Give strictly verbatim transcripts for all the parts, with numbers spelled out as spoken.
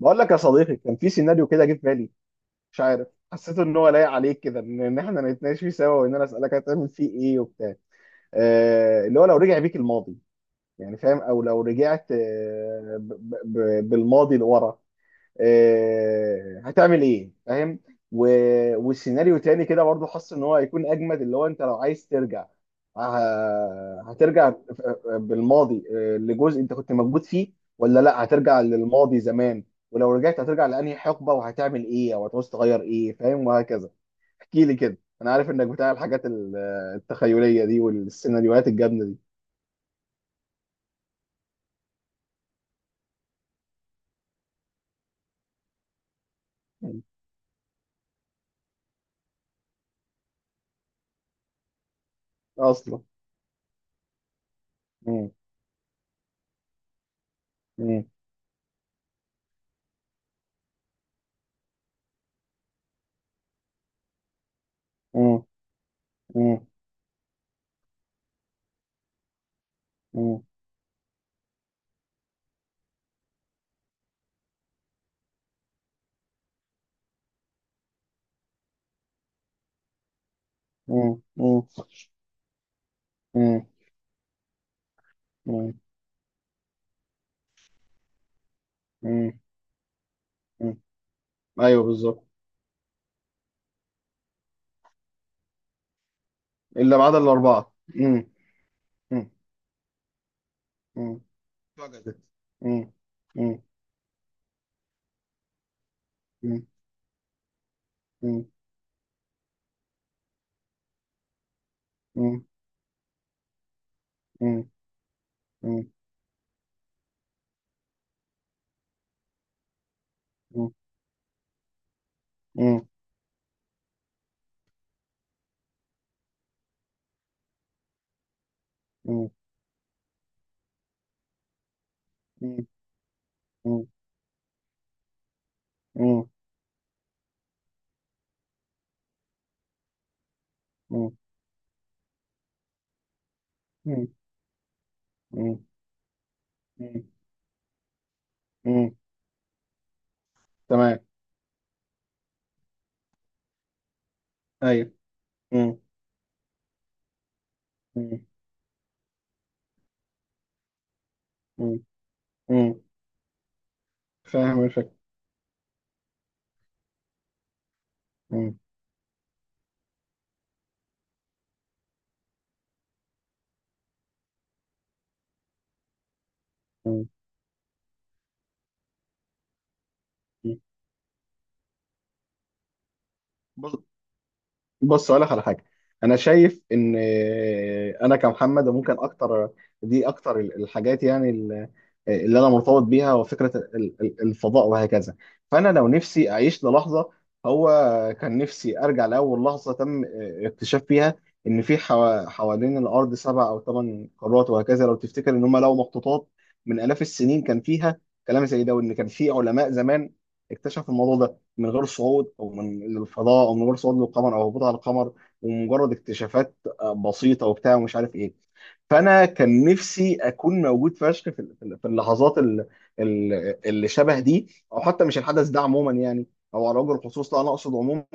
بقول لك يا صديقي، كان في سيناريو كده جه في بالي. مش عارف. حسيت ان هو لايق عليك كده، ان إن احنا نتناقش فيه سوا، وان انا اسالك هتعمل فيه ايه وبتاع. آه اللي هو لو رجع بيك الماضي، يعني فاهم. او لو رجعت آه ب ب ب بالماضي لورا، آه، هتعمل ايه فاهم. و... والسيناريو تاني كده برضه حاسس ان هو هيكون اجمد، اللي هو انت لو عايز ترجع، آه، هترجع بالماضي، آه، لجزء انت كنت موجود فيه، ولا لا هترجع للماضي زمان. ولو رجعت هترجع لانهي حقبة، وهتعمل ايه او هتعوز تغير ايه، فاهم وهكذا. احكي لي كده، انا عارف انك بتاع الحاجات ال- التخيلية دي والسيناريوهات الجامدة دي. اصلا. مم. مم. مم. مم. مم. مم. مم. مم. مم. مم. ايوه بالظبط. الا ما عدا الاربعه. مم. مم. مم. فقدت. مم. مم. مم. مم. مم. مم. مم. مم. مم. مم. مم. مم. مم. مم. مم. مم. تمام. ايوه. مم. مم. مم. مم. فاهم الفكره. مم. مم. مم. بص. بص اقول لك على حاجه. انا شايف ان انا كمحمد ممكن اكتر. دي اكتر الحاجات يعني، اللي انا مرتبط بيها، وفكره الفضاء وهكذا. فانا لو نفسي اعيش للحظه، هو كان نفسي ارجع لاول لحظه تم اكتشاف فيها، ان في حوا- حوالين الارض سبع او ثمان قارات وهكذا. لو تفتكر ان هم لقوا مخطوطات من الاف السنين كان فيها كلام زي ده، وان كان في علماء زمان اكتشفوا الموضوع ده من غير صعود او من الفضاء، او من غير صعود للقمر او هبوط على القمر، ومجرد اكتشافات آه، بسيطه وبتاع ومش عارف ايه. فانا كان نفسي اكون موجود فشخ في ال- في ال- في اللحظات ال- ال- اللي شبه دي، او حتى مش الحدث ده عموما يعني، او على وجه الخصوص، لا انا اقصد عموما.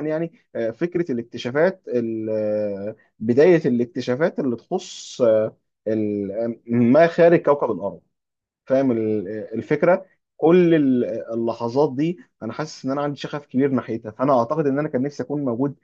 يعني آه، فكره الاكتشافات، ال- آه، بدايه الاكتشافات اللي تخص آه، ال- آه، ما خارج كوكب الارض. فاهم ال- الفكره. كل ال- اللحظات دي انا حاسس ان انا عندي شغف كبير ناحيتها. فانا اعتقد ان انا كان نفسي اكون موجود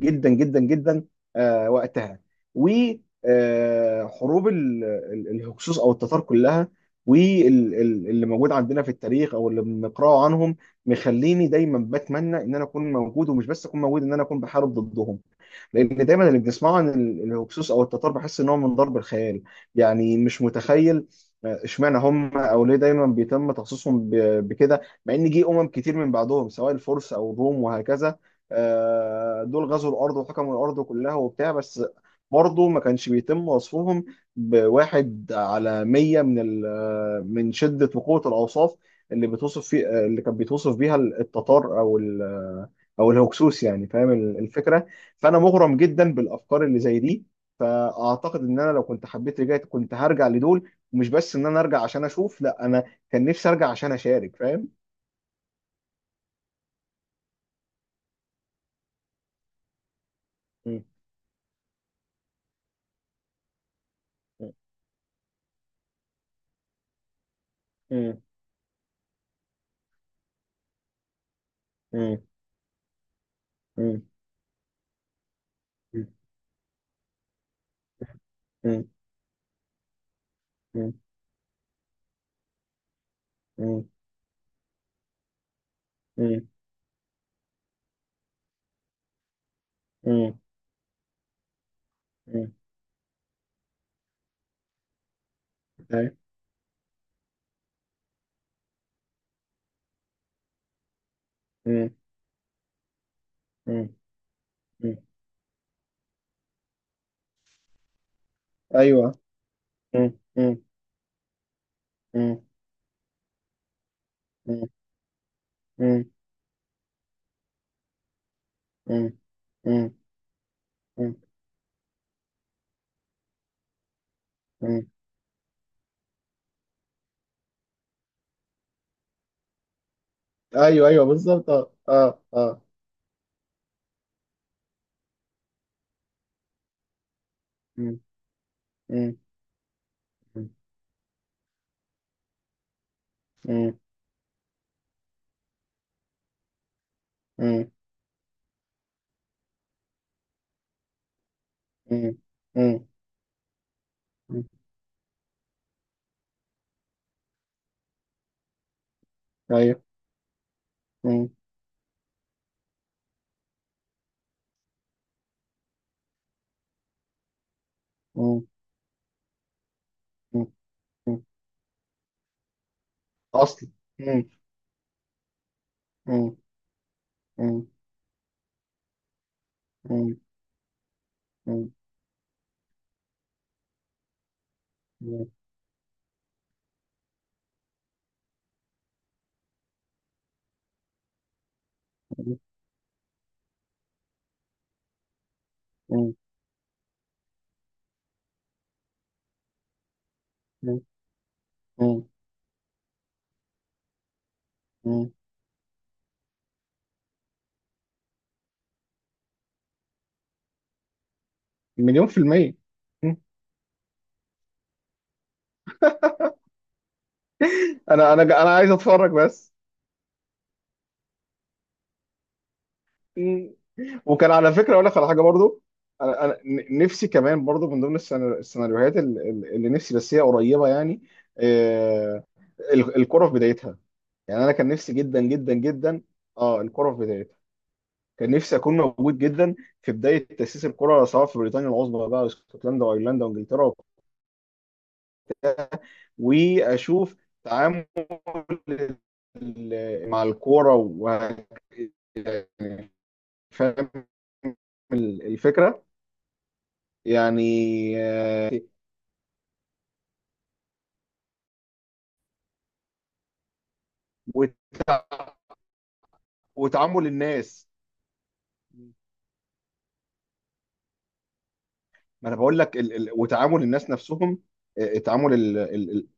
جدا جدا جدا آه، وقتها. وحروب الهكسوس او التتار كلها، واللي موجود عندنا في التاريخ او اللي بنقراه عنهم، مخليني دايما بتمنى ان انا اكون موجود، ومش بس اكون موجود، ان انا اكون بحارب ضدهم. لان دايما اللي بنسمعه عن ال- الهكسوس او التتار، بحس ان هو من ضرب الخيال. يعني مش متخيل. آه، اشمعنى هم، او ليه دايما بيتم تخصيصهم ب- بكده، مع ان جه امم كتير من بعدهم سواء الفرس او الروم وهكذا. آه، دول غزوا الارض وحكموا الارض كلها وبتاع، بس برضه ما كانش بيتم وصفهم بواحد على مية من ال- آه، من شدة وقوة الأوصاف اللي بتوصف فيه، آه، اللي كان بيتوصف بيها التتار، أو ال- آه، أو الهكسوس. يعني فاهم الفكرة. فانا مغرم جدا بالافكار اللي زي دي. فاعتقد ان انا لو كنت حبيت رجعت، كنت هرجع لدول، ومش بس ان انا ارجع عشان اشوف، لا انا كان نفسي ارجع عشان اشارك فاهم. مم. مم. مم. مم. مم. مم. مم. مم. مم. مم. أي. مم. مم. مم. ايوه. مم. مم. مم. مم. مم. مم. مم. مم. مم. ايوه ايوه بالظبط، اه اه اه. مم. مم. مم. مم. مم. مم. ايوه. مم. مم. مم. مم. اصل. مم. مم. مم. مم. مم. مم. مم. مم. مم. مم. مليون في المية. مم. انا انا انا عايز اتفرج بس. مم. وكان على فكرة اقول لك على حاجة برضو. انا انا ن- نفسي كمان برضو، من ضمن السينا- السيناريوهات ال- ال- اللي نفسي، بس هي قريبة يعني. آه، ال- الكرة في بدايتها. يعني انا كان نفسي جدا جدا جدا. اه الكرة في بدايتها. كان نفسي اكون موجود جدا في بدايه تاسيس الكره، سواء في بريطانيا العظمى بقى، اسكتلندا وايرلندا وانجلترا، واشوف تعامل ال- مع الكوره. و فاهم ال- الفكره يعني. آه، وتع- وتعامل الناس. ما انا بقول لك ال... ال... وتعامل الناس نفسهم. آه، تعامل ال... ال... ال...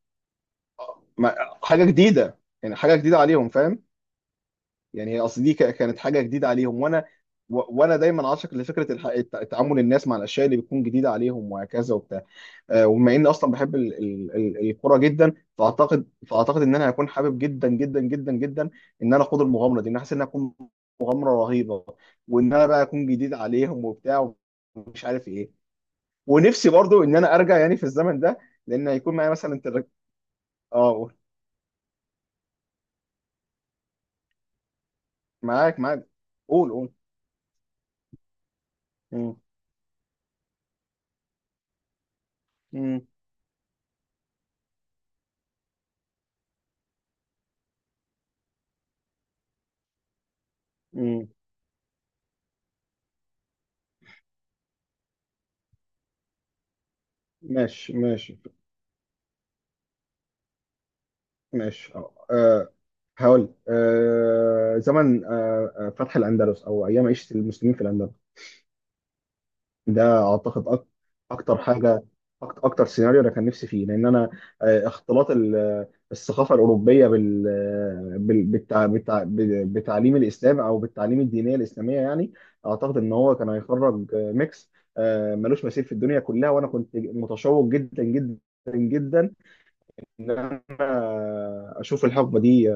ما- حاجه جديده، يعني حاجه جديده عليهم فاهم. يعني هي اصل دي ك- كانت حاجه جديده عليهم، وانا و- وانا دايما عاشق لفكره الح- الت- تعامل الناس مع الاشياء اللي بتكون جديده عليهم وهكذا وبتاع. آه، وبما اني اصلا بحب ال- ال- ال- الكوره جدا، فاعتقد فاعتقد ان انا هكون حابب جدا جدا جدا جدا ان انا اخوض المغامره دي. ان أنا حاسس انها هتكون مغامره رهيبه، وان انا بقى اكون جديد عليهم وبتاع، ومش عارف ايه. ونفسي برضو ان انا ارجع يعني في الزمن ده، لان هيكون معايا مثلا تلك... اه قول. معاك معاك، قول قول. مم. مم. مم. ماشي ماشي ماشي اه. آه، هقول آه، زمن آه، آه، فتح الأندلس أو أيام عيشة المسلمين في الأندلس. ده أعتقد أك- أكتر حاجة. أكتر, أكتر سيناريو أنا كان نفسي فيه، لأن أنا آه، اختلاط ال- الثقافة الأوروبية بال بال- بالتع- بالتع- بتعليم الإسلام أو بالتعليم الدينية الإسلامية يعني. أعتقد إن هو كان هيخرج آه، ميكس آه، ملوش مثيل في الدنيا كلها. وأنا كنت متشوق جدا جدا جدا ان انا اشوف الحقبه دي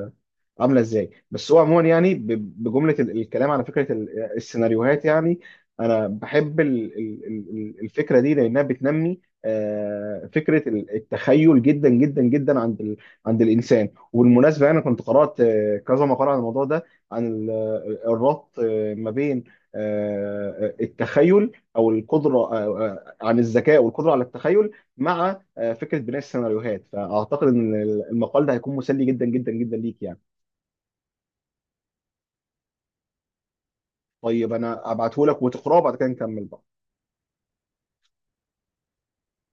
عامله ازاي. بس هو عموما يعني ب- بجمله ال- الكلام على فكره ال- السيناريوهات يعني، انا بحب ال- ال- ال- الفكره دي، لانها بتنمي آه، فكره ال- التخيل جدا جدا جدا عند ال- عند الانسان. وبالمناسبه انا كنت قرات آه، كذا مقاله عن الموضوع ده، عن ال- الربط آه، ما بين آه، التخيل او القدره، آه، آه، عن الذكاء والقدره على التخيل، مع آه، فكره بناء السيناريوهات. فاعتقد ان المقال ده هيكون مسلي جدا جدا جدا ليك يعني. طيب انا ابعته لك وتقراه بعد كده نكمل بقى.